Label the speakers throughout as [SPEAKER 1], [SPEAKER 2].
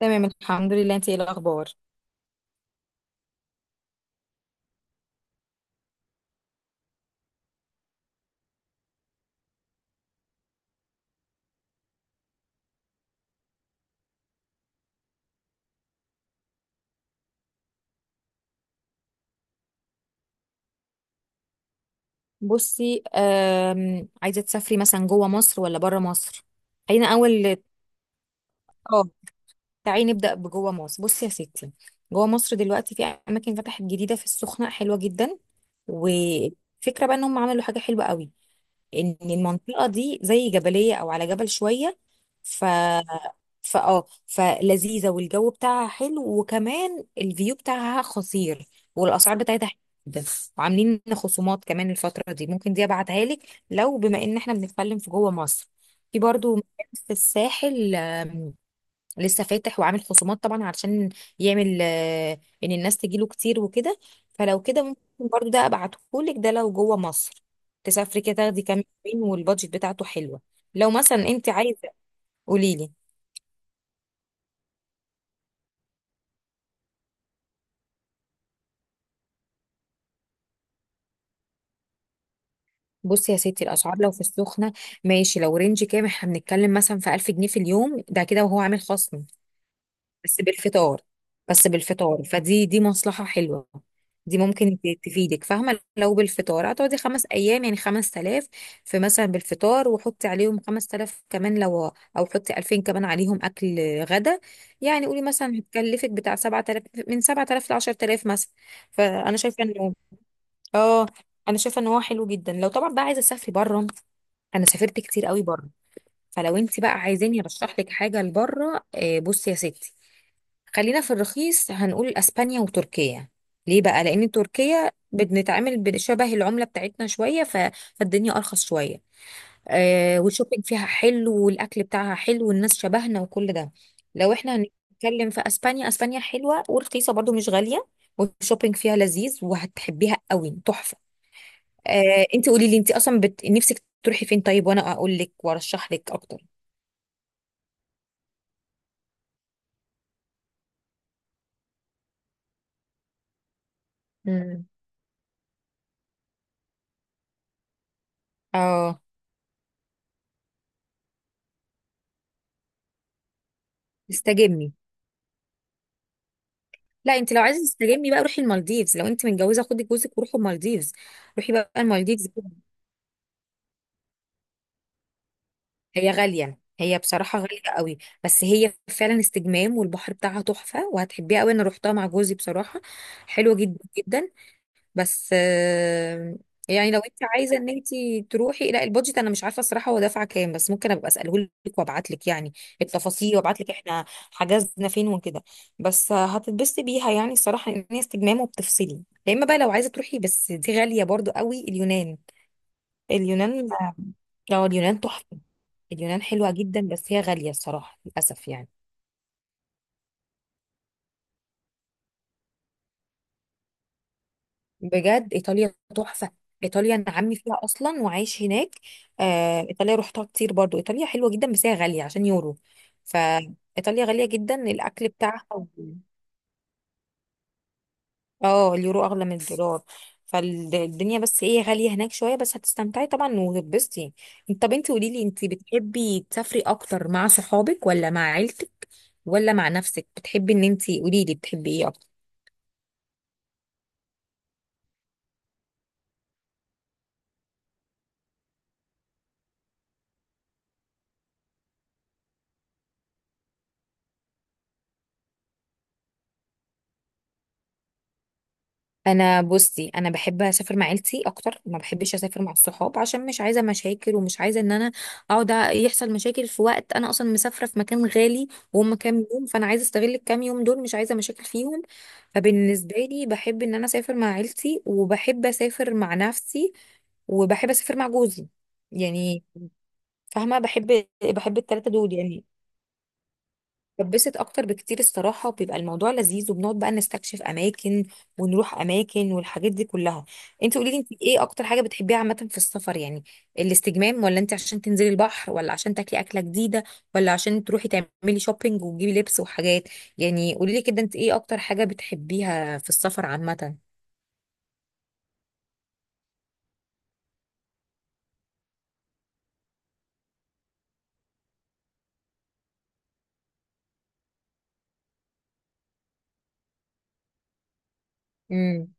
[SPEAKER 1] تمام، الحمد لله. انت ايه الاخبار؟ بصي، عايزه تسافري مثلا جوه مصر ولا بره مصر؟ خلينا اول. اه، تعالي نبدا بجوه مصر. بصي يا ستي، جوه مصر دلوقتي في اماكن فتحت جديده في السخنه، حلوه جدا. وفكره بقى انهم عملوا حاجه حلوه قوي، ان المنطقه دي زي جبليه او على جبل شويه. ف فاه فلذيذه، والجو بتاعها حلو، وكمان الفيو بتاعها خطير، والاسعار بتاعتها حلوة جدا. وعاملين خصومات كمان الفتره دي، ممكن دي ابعتها لك. لو بما ان احنا بنتكلم في جوه مصر، في برضو مكان في الساحل لسه فاتح وعامل خصومات طبعا، علشان يعمل، ان الناس تجيله كتير وكده. فلو كده ممكن برضو ده ابعتهولك، ده لو جوه مصر تسافري كده، تاخدي كام يومين، والبادجت بتاعته حلوه. لو مثلا انت عايزه قوليلي. بصي يا ستي، الاسعار لو في السخنه، ماشي، لو رينج كام، احنا بنتكلم مثلا في 1000 جنيه في اليوم، ده كده وهو عامل خصم، بس بالفطار. بس بالفطار، فدي دي مصلحة حلوة. دي ممكن تفيدك، فاهمة؟ لو بالفطار هتقعدي 5 أيام، يعني 5 تلاف في مثلا بالفطار، وحطي عليهم 5 تلاف كمان، لو أو حطي 2000 كمان عليهم أكل غدا. يعني قولي مثلا هتكلفك بتاع 7 تلاف، من 7 تلاف لعشر تلاف مثلا. فأنا شايفة إنه، آه أنا شايفة إن هو حلو جدا. لو طبعا بقى عايزة تسافري بره، أنا سافرت كتير قوي بره. فلو انت بقى عايزاني ارشح لك حاجه لبره، بصي يا ستي، خلينا في الرخيص، هنقول اسبانيا وتركيا. ليه بقى؟ لان تركيا بنتعامل بشبه العمله بتاعتنا شويه، فالدنيا ارخص شويه. آه، والشوبينج فيها حلو، والاكل بتاعها حلو، والناس شبهنا، وكل ده. لو احنا هنتكلم في اسبانيا، اسبانيا حلوه ورخيصه برضو، مش غاليه، والشوبينج فيها لذيذ، وهتحبيها قوي، تحفه. آه، انت قولي لي، انت اصلا نفسك تروحي فين طيب؟ وانا اقول لك وارشح لك اكتر. مم. اه، استجمي. لا، انت لو عايزه تستجمي بقى روحي المالديفز. لو انت متجوزه خدي جوزك وروحوا المالديفز. روحي بقى المالديفز. هي غاليه، هي بصراحه غاليه قوي، بس هي فعلا استجمام، والبحر بتاعها تحفه، وهتحبيها قوي. انا روحتها مع جوزي بصراحه، حلوه جدا جدا. بس يعني لو انت عايزه ان انت تروحي، لا البادجت انا مش عارفه الصراحه، هو دافعه كام، بس ممكن ابقى اساله لك وابعت لك يعني التفاصيل، وابعت لك احنا حجزنا فين وكده. بس هتتبسطي بيها يعني الصراحه، ان هي استجمام وبتفصلي. يا اما بقى لو عايزه تروحي، بس دي غاليه برضو قوي، اليونان. اليونان، اه، اليونان تحفه. اليونان حلوه جدا، بس هي غاليه الصراحه، للاسف يعني. بجد ايطاليا تحفه، ايطاليا انا عمي فيها اصلا وعايش هناك. آه، ايطاليا روحتها كتير برضو، ايطاليا حلوه جدا، بس هي غاليه عشان يورو. فايطاليا غاليه جدا، الاكل بتاعها اه، اليورو اغلى من الدولار. فالدنيا بس ايه غاليه هناك شويه، بس هتستمتعي طبعا وهتتبسطي يعني. انت، طب انت قولي لي، انت بتحبي تسافري اكتر مع صحابك ولا مع عيلتك ولا مع نفسك؟ بتحبي ان انت، قولي لي بتحبي ايه؟ انا بصي، انا بحب اسافر مع عيلتي اكتر، ما بحبش اسافر مع الصحاب، عشان مش عايزه مشاكل، ومش عايزه ان انا اقعد يحصل مشاكل في وقت انا اصلا مسافره في مكان غالي، وهم كام يوم، فانا عايزه استغل الكام يوم دول، مش عايزه مشاكل فيهم. فبالنسبه لي، بحب ان انا اسافر مع عيلتي، وبحب اسافر مع نفسي، وبحب اسافر مع جوزي، يعني فاهمه، بحب التلاته دول يعني. بتبسط اكتر بكتير الصراحه، وبيبقى الموضوع لذيذ، وبنقعد بقى نستكشف اماكن، ونروح اماكن والحاجات دي كلها. انت قولي لي، انت ايه اكتر حاجه بتحبيها عامه في السفر يعني، الاستجمام، ولا انت عشان تنزلي البحر، ولا عشان تاكلي اكله جديده، ولا عشان تروحي تعملي شوبينج وتجيبي لبس وحاجات؟ يعني قولي لي كده انت ايه اكتر حاجه بتحبيها في السفر عامه؟ امم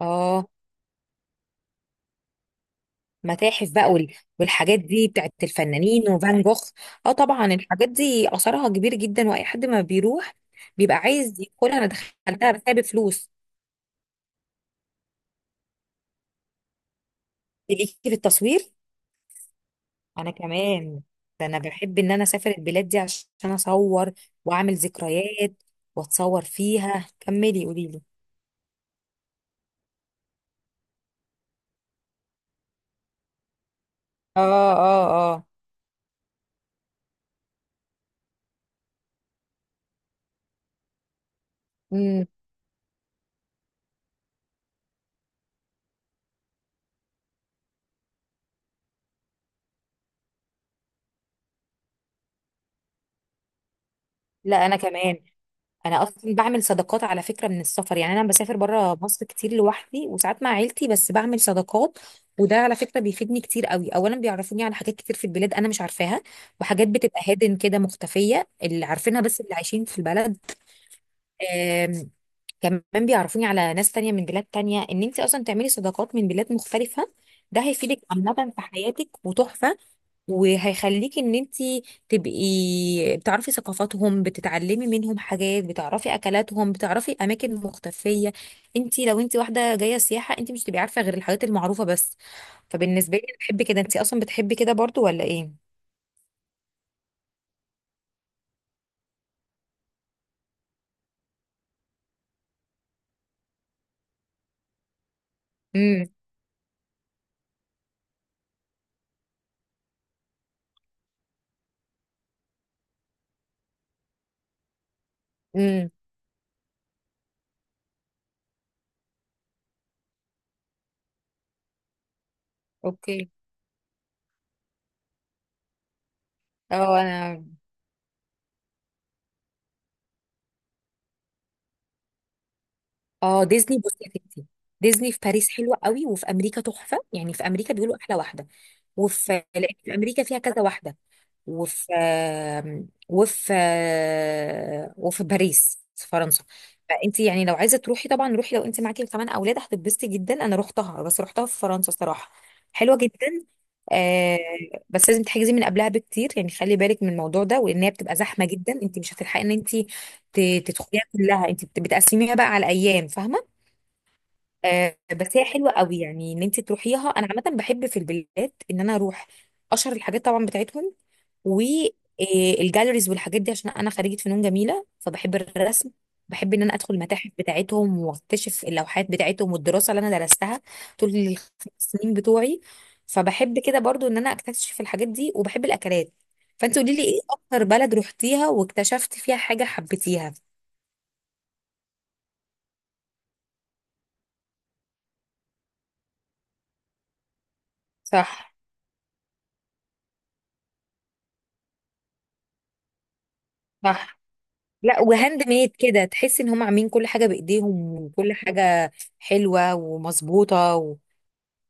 [SPEAKER 1] اه، متاحف بقى والحاجات دي بتاعت الفنانين وفان جوخ. اه طبعا، الحاجات دي اثرها كبير جدا، واي حد ما بيروح بيبقى عايز يدخلها، انا دخلتها بس هي بفلوس. ليكي في التصوير؟ انا كمان، ده انا بحب ان انا اسافر البلاد دي عشان اصور واعمل ذكريات واتصور فيها. كملي قولي لي. اه، اه، اه. امم لا، انا كمان انا اصلا بعمل صداقات على فكره من السفر، يعني انا بسافر بره مصر كتير لوحدي، وساعات مع عيلتي، بس بعمل صداقات. وده على فكره بيفيدني كتير قوي، اولا بيعرفوني على حاجات كتير في البلاد انا مش عارفاها، وحاجات بتبقى هادن كده مختفيه، اللي عارفينها بس اللي عايشين في البلد. آم، كمان بيعرفوني على ناس تانية من بلاد تانية، ان انت اصلا تعملي صداقات من بلاد مختلفه، ده هيفيدك عامه في حياتك، وتحفه. وهيخليكي ان انتي تبقي بتعرفي ثقافاتهم، بتتعلمي منهم حاجات، بتعرفي اكلاتهم، بتعرفي اماكن مختفيه. انتي لو انتي واحده جايه سياحه، انتي مش هتبقي عارفه غير الحاجات المعروفه بس. فبالنسبه لي، أنا بحب كده. انتي اصلا بتحبي كده برضو ولا ايه؟ امم، امم، اوكي. اه انا. اه، ديزني. بصي يا ستي، ديزني في باريس حلوه قوي، وفي امريكا تحفه، يعني في امريكا بيقولوا احلى واحده. وفي، لأن في امريكا فيها كذا واحده، وفي، وفي، وفي باريس في فرنسا. فانت يعني لو عايزه تروحي، طبعا روحي. لو انت معاكي كمان اولاد هتتبسطي جدا. انا رحتها، بس رحتها في فرنسا الصراحه، حلوه جدا. آه، بس لازم تحجزي من قبلها بكتير، يعني خلي بالك من الموضوع ده، وان هي بتبقى زحمه جدا، انت مش هتلحقي ان انت تدخليها كلها، انت بتقسميها بقى على ايام، فاهمه؟ آه، بس هي حلوه قوي يعني ان انت تروحيها. انا عامه بحب في البلاد ان انا اروح اشهر الحاجات طبعا بتاعتهم، والجاليريز والحاجات دي، عشان انا خريجه فنون جميله فبحب الرسم. بحب ان انا ادخل المتاحف بتاعتهم، واكتشف اللوحات بتاعتهم والدراسه اللي انا درستها طول الخمس سنين بتوعي. فبحب كده برضو ان انا اكتشف الحاجات دي، وبحب الاكلات. فانت قولي لي ايه اكتر بلد رحتيها واكتشفت فيها حاجه حبيتيها؟ صح. صح. لا، وهاند ميد كده، تحس ان هم عاملين كل حاجه بايديهم، وكل حاجه حلوه ومظبوطه و...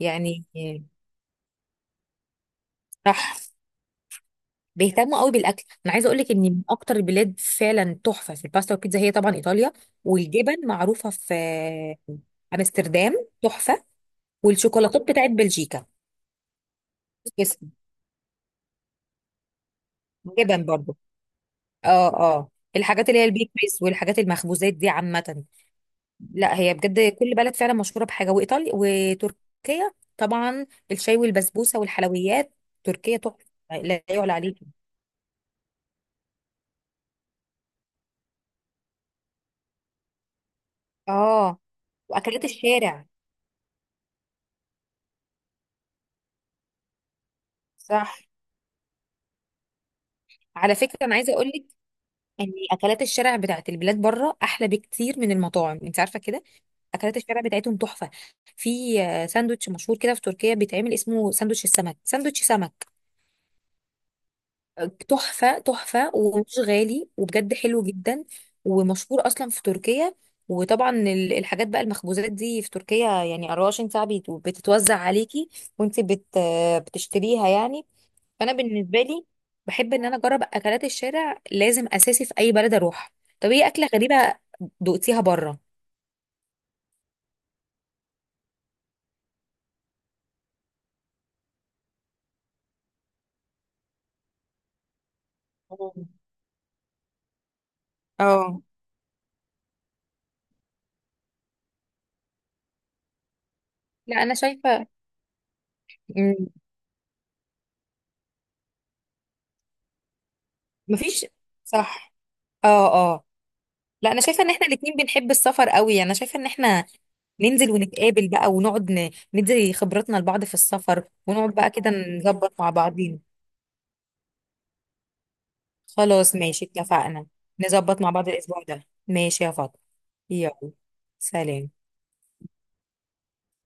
[SPEAKER 1] يعني. صح، بيهتموا قوي بالاكل. انا عايزه اقول لك ان من اكتر البلاد فعلا تحفه في الباستا والبيتزا، هي طبعا ايطاليا. والجبن معروفه في امستردام، تحفه. والشوكولاتات بتاعت بلجيكا. بس جبن برضو. اه، اه، الحاجات اللي هي البيكريز والحاجات المخبوزات دي عامه. لا هي بجد كل بلد فعلا مشهوره بحاجه، وايطاليا وتركيا طبعا الشاي والبسبوسه والحلويات. تركيا تحفه، لا يعلى عليك. اه، واكلات الشارع. صح. على فكره انا عايزه اقول لك ان اكلات الشارع بتاعت البلاد بره احلى بكتير من المطاعم، انت عارفه كده. اكلات الشارع بتاعتهم تحفه. في ساندوتش مشهور كده في تركيا بيتعمل، اسمه ساندوتش السمك، ساندوتش سمك. تحفه، تحفه، ومش غالي، وبجد حلو جدا. ومشهور اصلا في تركيا. وطبعا ال- الحاجات بقى المخبوزات دي في تركيا يعني 24 ساعه بتتوزع عليكي، وانت بت آه، بتشتريها يعني. فانا بالنسبه لي، بحب ان انا اجرب اكلات الشارع، لازم اساسي في اي بلد اروح. طب ايه اكله غريبه دقتيها بره؟ مم. اه، لا انا شايفه. مم، مفيش. صح. اه، اه. لا انا شايفه ان احنا الاتنين بنحب السفر قوي، انا شايفه ان احنا ننزل ونتقابل بقى، ونقعد ندي خبرتنا لبعض في السفر، ونقعد بقى كده نظبط مع بعضين. خلاص ماشي، اتفقنا. نظبط مع بعض الاسبوع ده، ماشي يا فاطمه؟ يلا. سلام.